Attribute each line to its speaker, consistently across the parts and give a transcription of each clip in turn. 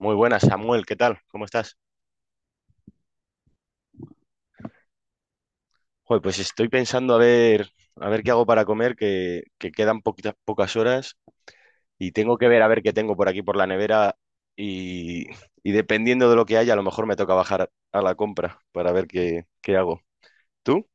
Speaker 1: Muy buenas, Samuel, ¿qué tal? ¿Cómo estás? Joder, pues estoy pensando a ver, qué hago para comer, que quedan pocas horas y tengo que ver a ver qué tengo por aquí por la nevera y, y dependiendo de lo que haya, a lo mejor me toca bajar a la compra para ver qué hago. ¿Tú?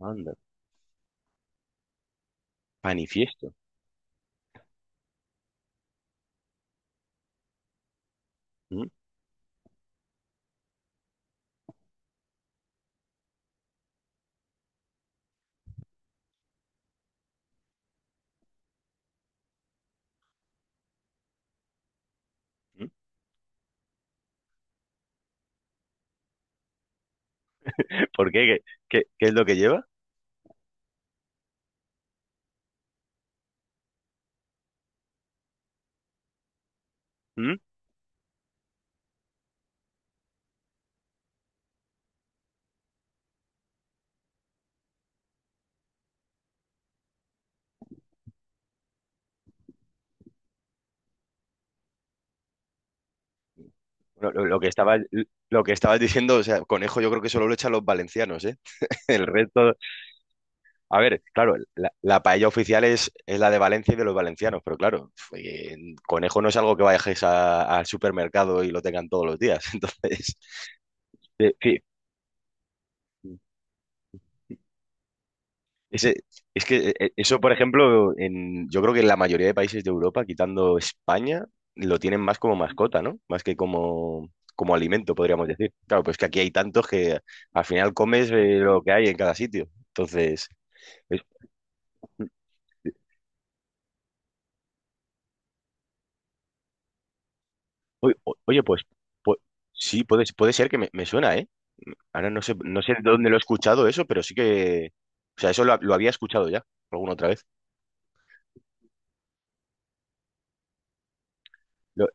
Speaker 1: Anda, panifiesto. ¿Mm? ¿Mm? ¿Por qué? ¿Qué es lo que lleva? ¿Mm? Lo, lo- lo que estaba, lo que estabas diciendo, o sea, conejo yo creo que solo lo echan los valencianos, ¿eh? El resto. A ver, claro, la paella oficial es la de Valencia y de los valencianos, pero claro, conejo no es algo que vayáis al supermercado y lo tengan todos los días. Entonces, sí, ese- es que eso, por ejemplo, yo creo que en la mayoría de países de Europa, quitando España, lo tienen más como mascota, ¿no? Más que como, alimento, podríamos decir. Claro, pues que aquí hay tantos que al final comes lo que hay en cada sitio. Entonces, Oye, pues, pu- sí, puede ser que me suena, ¿eh? Ahora no sé de dónde lo he escuchado eso, pero sí que... O sea, eso lo había escuchado ya, alguna otra vez. Lo-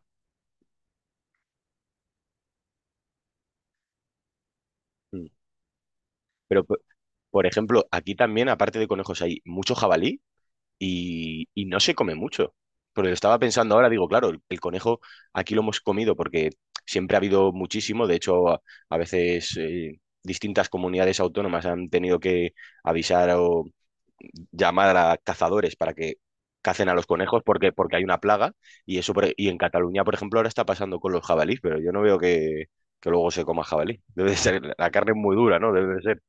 Speaker 1: mm. Pero, por ejemplo, aquí también, aparte de conejos, hay mucho jabalí y no se come mucho. Pero estaba pensando ahora, digo, claro, el conejo aquí lo hemos comido porque siempre ha habido muchísimo. De hecho, a veces distintas comunidades autónomas han tenido que avisar o llamar a cazadores para que cacen a los conejos porque hay una plaga y eso y en Cataluña, por ejemplo, ahora está pasando con los jabalíes, pero yo no veo que luego se coma jabalí. Debe de ser, la carne es muy dura, ¿no? Debe de ser,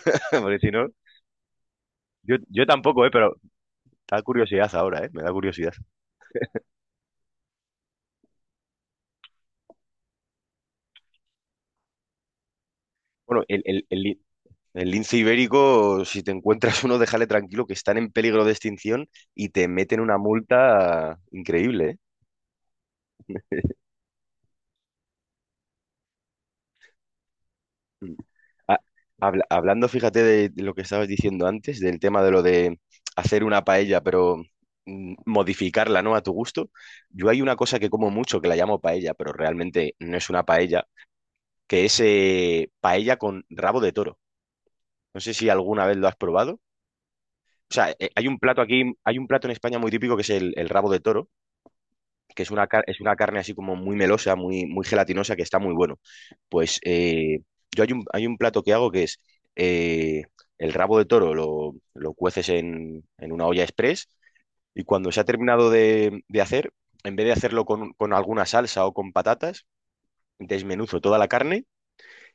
Speaker 1: porque si no, yo tampoco, ¿eh? Pero da curiosidad ahora, ¿eh? Me da curiosidad. Bueno, el lince ibérico, si te encuentras uno, déjale tranquilo, que están en peligro de extinción y te meten una multa increíble, ¿eh? Mm. Ha- hablando, fíjate, de lo que estabas diciendo antes, del tema de lo de hacer una paella, pero modificarla, ¿no? A tu gusto. Yo hay una cosa que como mucho que la llamo paella, pero realmente no es una paella, que es paella con rabo de toro. No sé si alguna vez lo has probado. O sea, hay un plato aquí, hay un plato en España muy típico que es el rabo de toro, que es una carne así como muy melosa, muy, muy gelatinosa, que está muy bueno. Pues yo hay un plato que hago que es eh, el rabo de toro, lo cueces en una olla express y cuando se ha terminado de hacer, en vez de hacerlo con alguna salsa o con patatas, desmenuzo toda la carne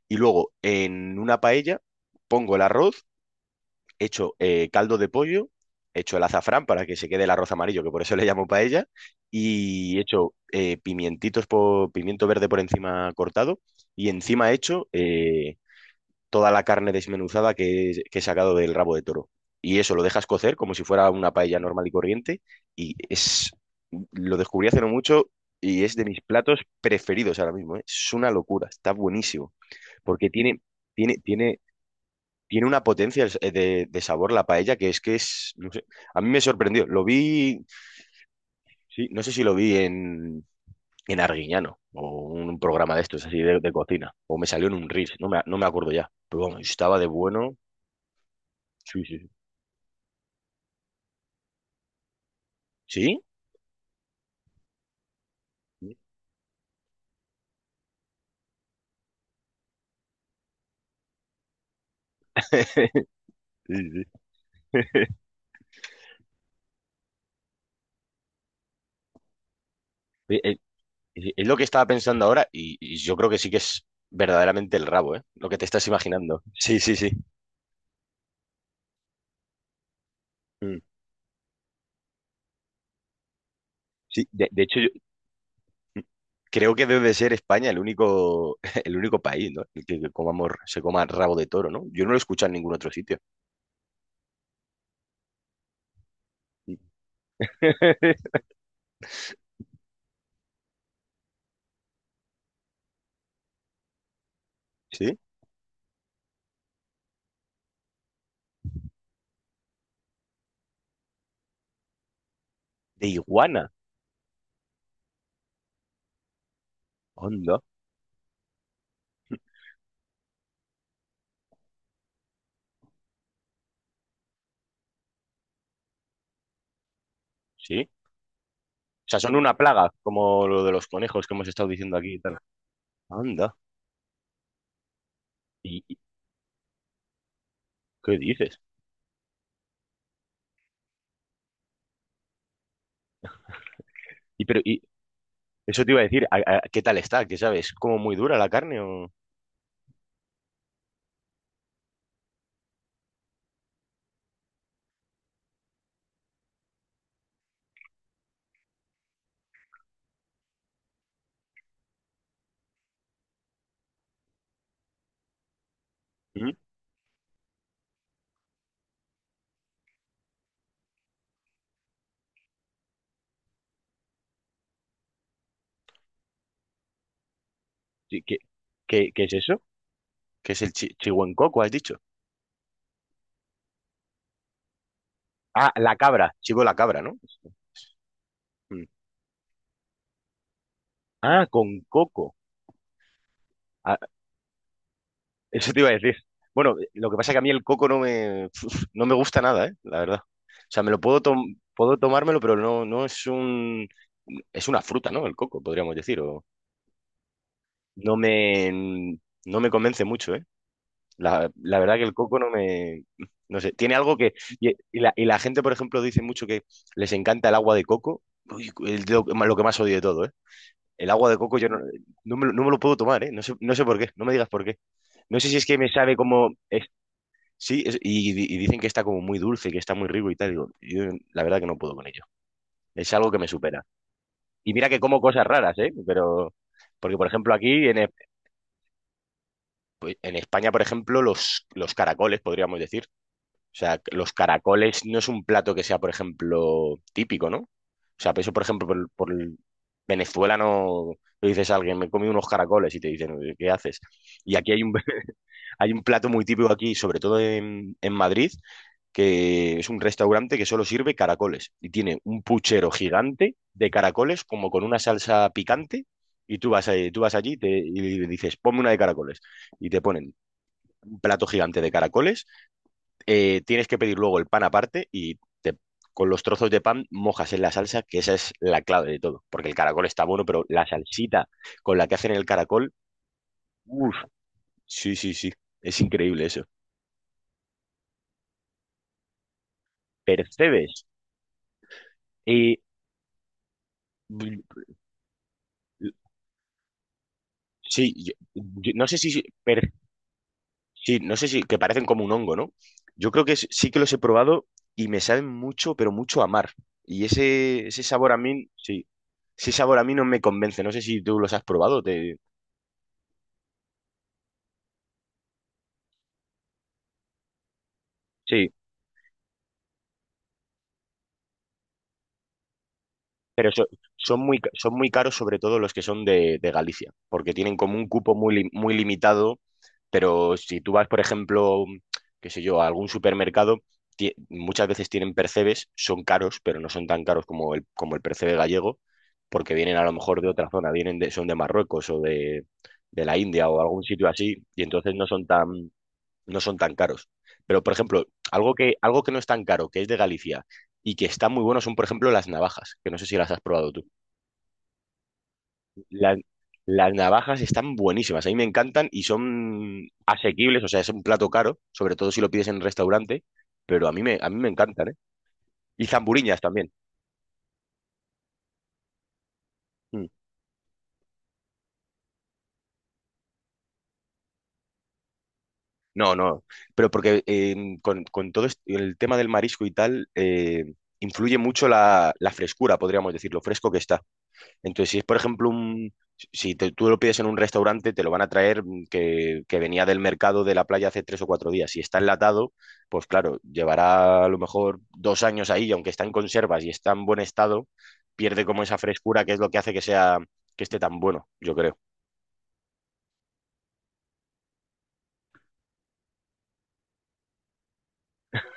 Speaker 1: y luego en una paella pongo el arroz hecho caldo de pollo, hecho el azafrán para que se quede el arroz amarillo, que por eso le llamo paella, y hecho pimiento verde por encima cortado, y encima hecho toda la carne desmenuzada que he sacado del rabo de toro. Y eso lo dejas cocer como si fuera una paella normal y corriente, y es, lo descubrí hace no mucho. Y es de mis platos preferidos ahora mismo, ¿eh? Es una locura, está buenísimo. Porque tiene, tiene tiene una potencia el de sabor la paella que es, no sé, a mí me sorprendió. Lo vi, sí, no sé si lo vi en, Arguiñano o un programa de estos así de cocina, o me salió en un Reels, no me acuerdo ya, pero vamos, estaba de bueno. Sí, sí, sí. ¿Sí? Sí, sí. Eh, eh, Es lo que estaba pensando ahora y yo creo que sí que es verdaderamente el rabo, ¿eh? Lo que te estás imaginando. Sí, sí, sí. Mm. Sí, de hecho. Creo que debe de ser España el único, el único país, ¿no? El que comamos, se coma rabo de toro, ¿no? Yo no lo he escuchado en ningún otro sitio. ¿Sí? De iguana. Anda. Sí. O sea, son una plaga, como lo de los conejos que hemos estado diciendo aquí y tal. Anda. ¿Y y- qué dices? Pero eso te iba a decir, ¿Qué tal está? ¿Qué sabes? ¿Como muy dura la carne o? ¿Mm? Sí, ¿Qué es eso? ¿Qué es el chihuencoco, has dicho? Ah, la cabra, chivo la cabra, ¿no? Mm. Ah, con coco. Eso te iba a decir. Bueno, lo que pasa es que a mí el coco no me, uf, no me gusta nada, ¿eh? La verdad. O sea, me lo puedo, tom- puedo tomármelo, pero no, no es un... Es una fruta, ¿no? El coco, podríamos decir. O no me, no me convence mucho, ¿eh? La verdad que el coco no me... No sé, tiene algo que... Y la gente, por ejemplo, dice mucho que les encanta el agua de coco. Uy, lo que más odio de todo, ¿eh? El agua de coco yo no me lo puedo tomar, ¿eh? no sé, por qué, no me digas por qué. No sé si es que me sabe como... Sí, y dicen que está como muy dulce, que está muy rico y tal. Digo, yo la verdad que no puedo con ello. Es algo que me supera. Y mira que como cosas raras, ¿eh? Porque por ejemplo aquí en España, por ejemplo, los caracoles, podríamos decir. O sea, los caracoles no es un plato que sea, por ejemplo, típico, ¿no? O sea, eso, por ejemplo, Venezuela no le dices a alguien, me he comido unos caracoles y te dicen, ¿qué haces? Y aquí Hay un, plato muy típico aquí, sobre todo en Madrid, que es un restaurante que solo sirve caracoles y tiene un puchero gigante de caracoles como con una salsa picante y tú vas allí y dices, ponme una de caracoles y te ponen un plato gigante de caracoles, tienes que pedir luego el pan aparte con los trozos de pan mojas en la salsa, que esa es la clave de todo, porque el caracol está bueno, pero la salsita con la que hacen el caracol, uff, sí, sí, sí, es increíble eso. Percebes. Y mm, sí, no sé si, que parecen como un hongo, ¿no? Yo creo que s- sí que los he probado y me saben mucho, pero mucho a mar. Y ese sabor a mí, sí, ese sabor a mí no me convence. No sé si tú los has probado. Te... Sí. Pero son muy caros, sobre todo los que son de Galicia, porque tienen como un cupo muy limitado. Pero si tú vas, por ejemplo, qué sé yo, a algún supermercado, muchas veces tienen percebes, son caros, pero no son tan caros como el percebe gallego, porque vienen a lo mejor de otra zona, son de Marruecos o de la India o algún sitio así, y entonces no son tan caros. Pero, por ejemplo, algo que no es tan caro, que es de Galicia y que está muy bueno, son, por ejemplo, las navajas, que no sé si las has probado tú. La- las navajas están buenísimas, a mí me encantan y son asequibles, o sea, es un plato caro, sobre todo si lo pides en un restaurante, pero a mí me encantan, ¿eh? Y zamburiñas también. Mm. No, no, pero porque con todo el tema del marisco y tal, influye mucho la frescura, podríamos decir, lo fresco que está. Entonces, si es, por ejemplo, un, si te- tú lo pides en un restaurante, te lo van a traer que venía del mercado de la playa hace 3 o 4 días. Si está enlatado, pues claro, llevará a lo mejor 2 años ahí y aunque está en conservas y está en buen estado, pierde como esa frescura que es lo que hace que esté tan bueno, yo creo.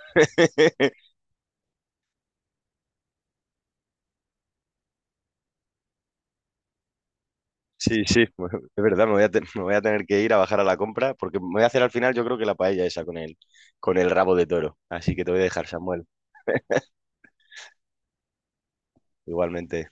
Speaker 1: Sí, sí, bueno, es verdad, me voy a, me voy a tener que ir a bajar a la compra porque me voy a hacer al final yo creo que la paella esa con el, rabo de toro. Así que te voy a dejar, Samuel, igualmente.